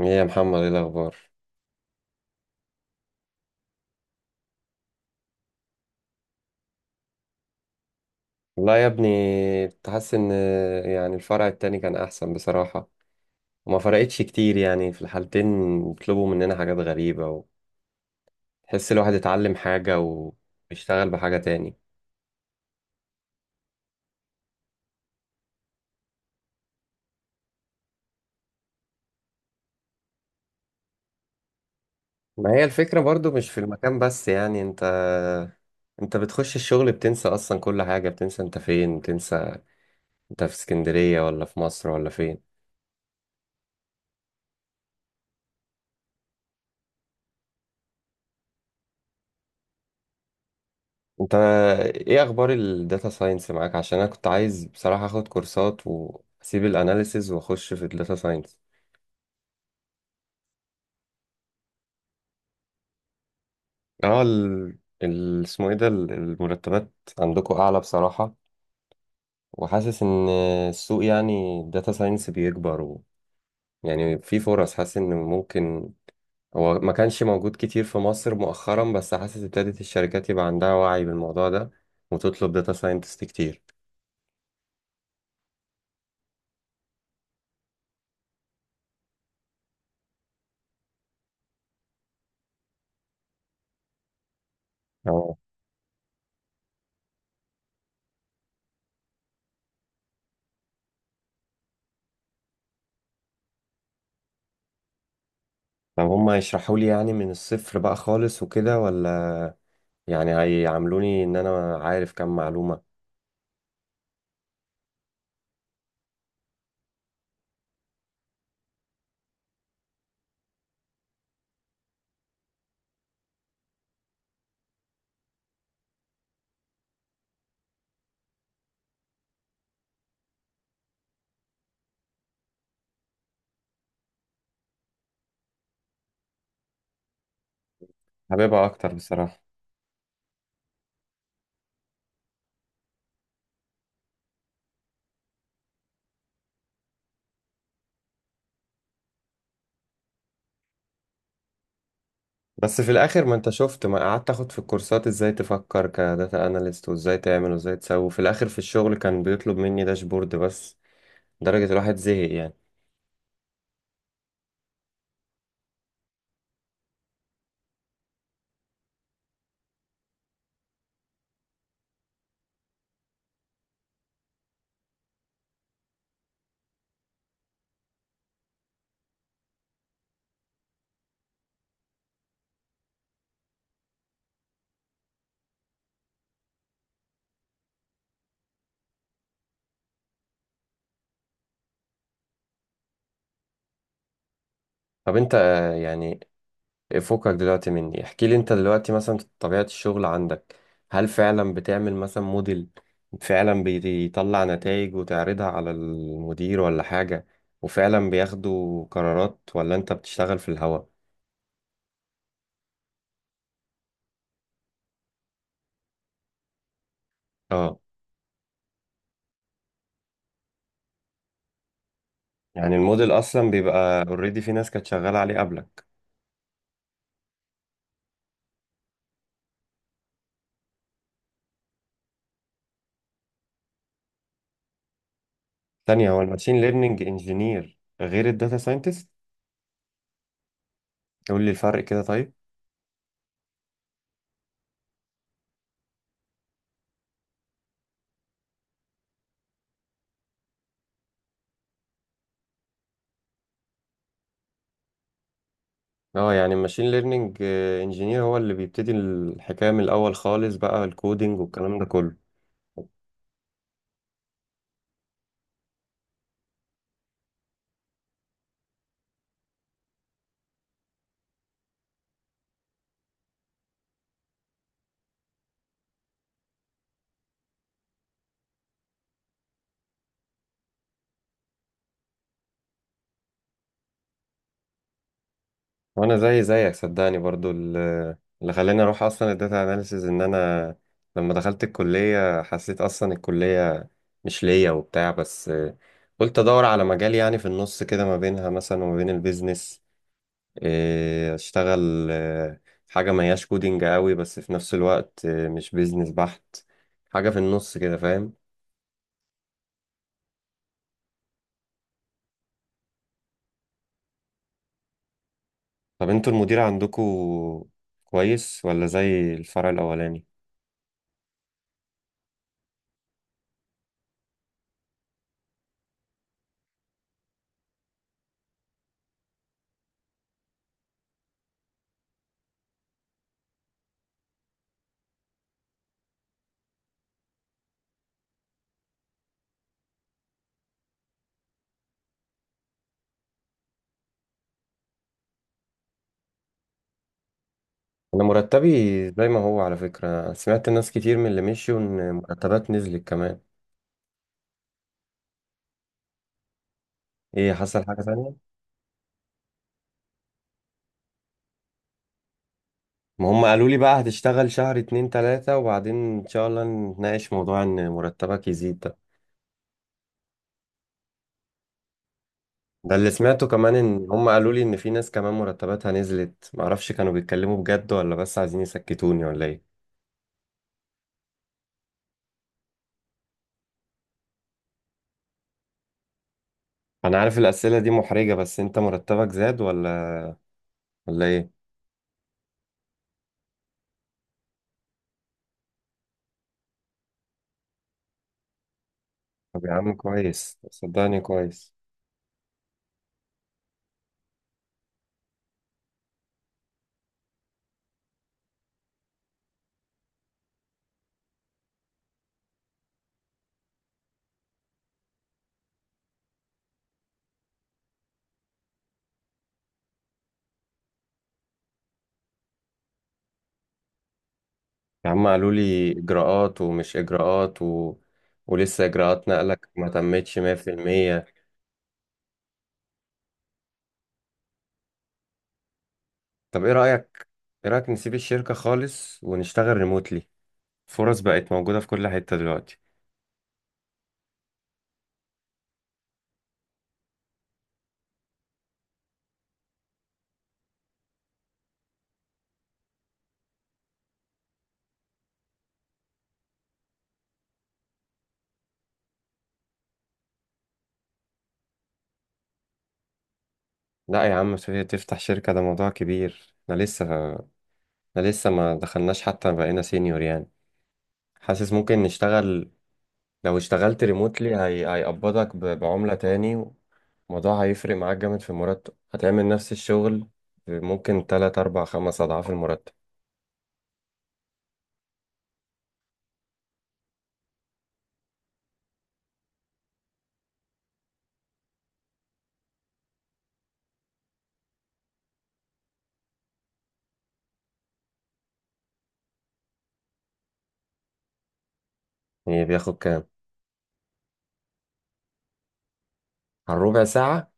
ايه يا محمد، ايه الاخبار؟ والله يا ابني كنت حاسس ان يعني الفرع التاني كان احسن بصراحة، وما فرقتش كتير يعني في الحالتين. بيطلبوا مننا حاجات غريبة وتحس الواحد اتعلم حاجة ويشتغل بحاجة تاني. ما هي الفكرة برضو مش في المكان بس، يعني انت بتخش الشغل بتنسى اصلا كل حاجة، بتنسى انت فين، بتنسى انت في اسكندرية ولا في مصر ولا فين. انت ايه اخبار الداتا ساينس معاك؟ عشان انا كنت عايز بصراحة اخد كورسات واسيب الاناليسز واخش في الداتا ساينس. اه ال... ال... اسمه ايه ده ال- المرتبات عندكم اعلى بصراحة، وحاسس ان السوق، يعني الداتا ساينس بيكبر يعني في فرص حاسس ان ممكن. هو ما كانش موجود كتير في مصر مؤخرا، بس حاسس ابتدت الشركات يبقى عندها وعي بالموضوع ده وتطلب داتا ساينتست كتير. اه. طب هما يشرحوا لي يعني من الصفر بقى خالص وكده، ولا يعني هيعاملوني ان انا عارف كام معلومة؟ حاببها اكتر بصراحة. بس في الاخر ما انت شفت، ما قعدت اخد في الكورسات ازاي تفكر كداتا اناليست وازاي تعمل وازاي تسوي، في الاخر في الشغل كان بيطلب مني داشبورد بس، لدرجة الواحد زهق يعني. طب انت آه، يعني فكك دلوقتي مني، احكي لي انت دلوقتي مثلا طبيعة الشغل عندك، هل فعلا بتعمل مثلا موديل فعلا بيطلع نتائج وتعرضها على المدير ولا حاجة؟ وفعلا بياخدوا قرارات ولا انت بتشتغل في الهوا؟ اه. يعني الموديل اصلا بيبقى اوريدي في ناس كانت شغاله عليه قبلك. ثانيه، هو الماشين ليرنينج انجينير غير الداتا ساينتست؟ قول لي الفرق كده طيب. اه يعني الماشين ليرنينج انجينير هو اللي بيبتدي الحكايه من الاول خالص، بقى الكودينج والكلام ده كله. وانا زي زيك صدقني، برضو اللي خلاني اروح اصلا الداتا اناليسز ان انا لما دخلت الكليه حسيت اصلا الكليه مش ليا وبتاع، بس قلت ادور على مجال يعني في النص كده ما بينها مثلا وما بين البيزنس، إيه، اشتغل آه، حاجة ما هياش كودينج قوي، بس في نفس الوقت آه، مش بيزنس بحت، حاجة في النص كده، فاهم؟ طب انتوا المدير عندكوا كويس ولا زي الفرع الأولاني؟ انا مرتبي زي ما هو، على فكرة سمعت ناس كتير من اللي مشيوا ان مرتبات نزلت كمان. ايه حصل حاجة تانية؟ ما هم قالوا لي بقى هتشتغل شهر اتنين تلاتة وبعدين ان شاء الله نتناقش موضوع ان مرتبك يزيد ده. ده اللي سمعته كمان، ان هم قالوا لي ان في ناس كمان مرتباتها نزلت، معرفش كانوا بيتكلموا بجد ولا بس عايزين يسكتوني ولا ايه. انا عارف الاسئله دي محرجه، بس انت مرتبك زاد ولا ولا ايه؟ طب يا عم كويس، صدقني كويس. يا عم قالوا لي اجراءات ومش اجراءات ولسه اجراءات نقلك ما تمتش 100%. طب ايه رايك، ايه رايك نسيب الشركه خالص ونشتغل ريموتلي؟ فرص بقت موجوده في كل حته دلوقتي. لا يا عم، سوريا تفتح شركه ده موضوع كبير، احنا لسه ما دخلناش حتى بقينا سينيور يعني. حاسس ممكن نشتغل. لو اشتغلت ريموتلي بعملة تاني، الموضوع هيفرق معاك جامد في المرتب، هتعمل نفس الشغل ممكن تلات أربع خمس أضعاف المرتب. يعني بياخد كام؟ على الربع ساعة؟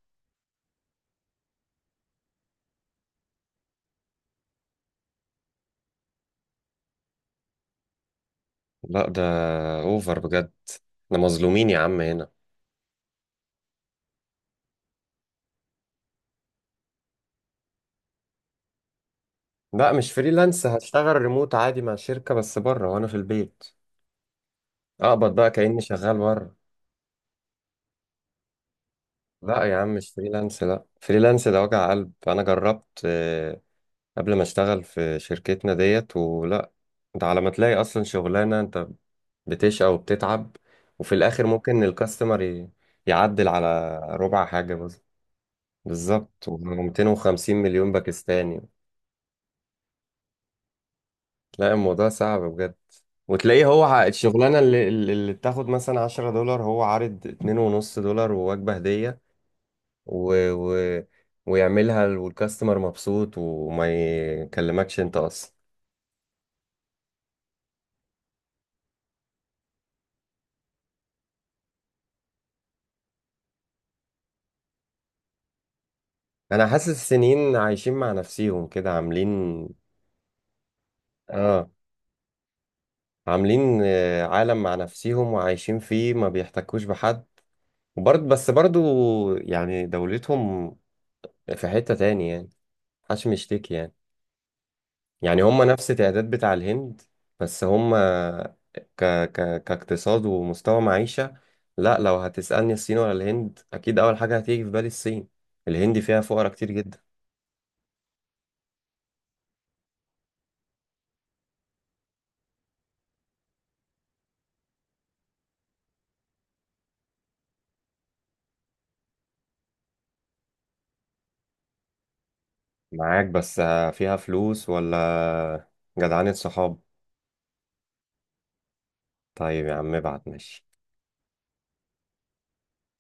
لا ده أوفر بجد. احنا مظلومين يا عم هنا. لا مش فريلانس، هشتغل ريموت عادي مع شركة بس بره وأنا في البيت، أقبض بقى كأني شغال بره. لا يا عم مش فريلانس، لا فريلانس ده وجع قلب، أنا جربت قبل ما اشتغل في شركتنا ديت ولا. ده على ما تلاقي اصلا شغلانه انت بتشقى وبتتعب، وفي الاخر ممكن الكاستمر يعدل على ربع حاجه بس. بالظبط، و250 مليون باكستاني. لا الموضوع صعب بجد. وتلاقيه هو الشغلانه اللي بتاخد مثلا 10 دولار، هو عارض 2 ونص دولار ووجبه هديه و... و... ويعملها والكاستمر مبسوط وما يكلمكش انت اصلا. انا حاسس السنين عايشين مع نفسيهم كده، عاملين اه، عاملين آه، عالم مع نفسيهم وعايشين فيه، ما بيحتكوش بحد. وبرضه بس برضه يعني دولتهم في حتة تاني يعني، محدش مشتكي يعني. يعني هم نفس تعداد بتاع الهند، بس هم ك... كاقتصاد ومستوى معيشة، لا لو هتسألني الصين ولا الهند، اكيد اول حاجة هتيجي في بالي الصين. الهند فيها فقرا كتير جدا. معاك بس، فيها فلوس ولا جدعانة صحاب؟ طيب يا عم ابعت، ماشي.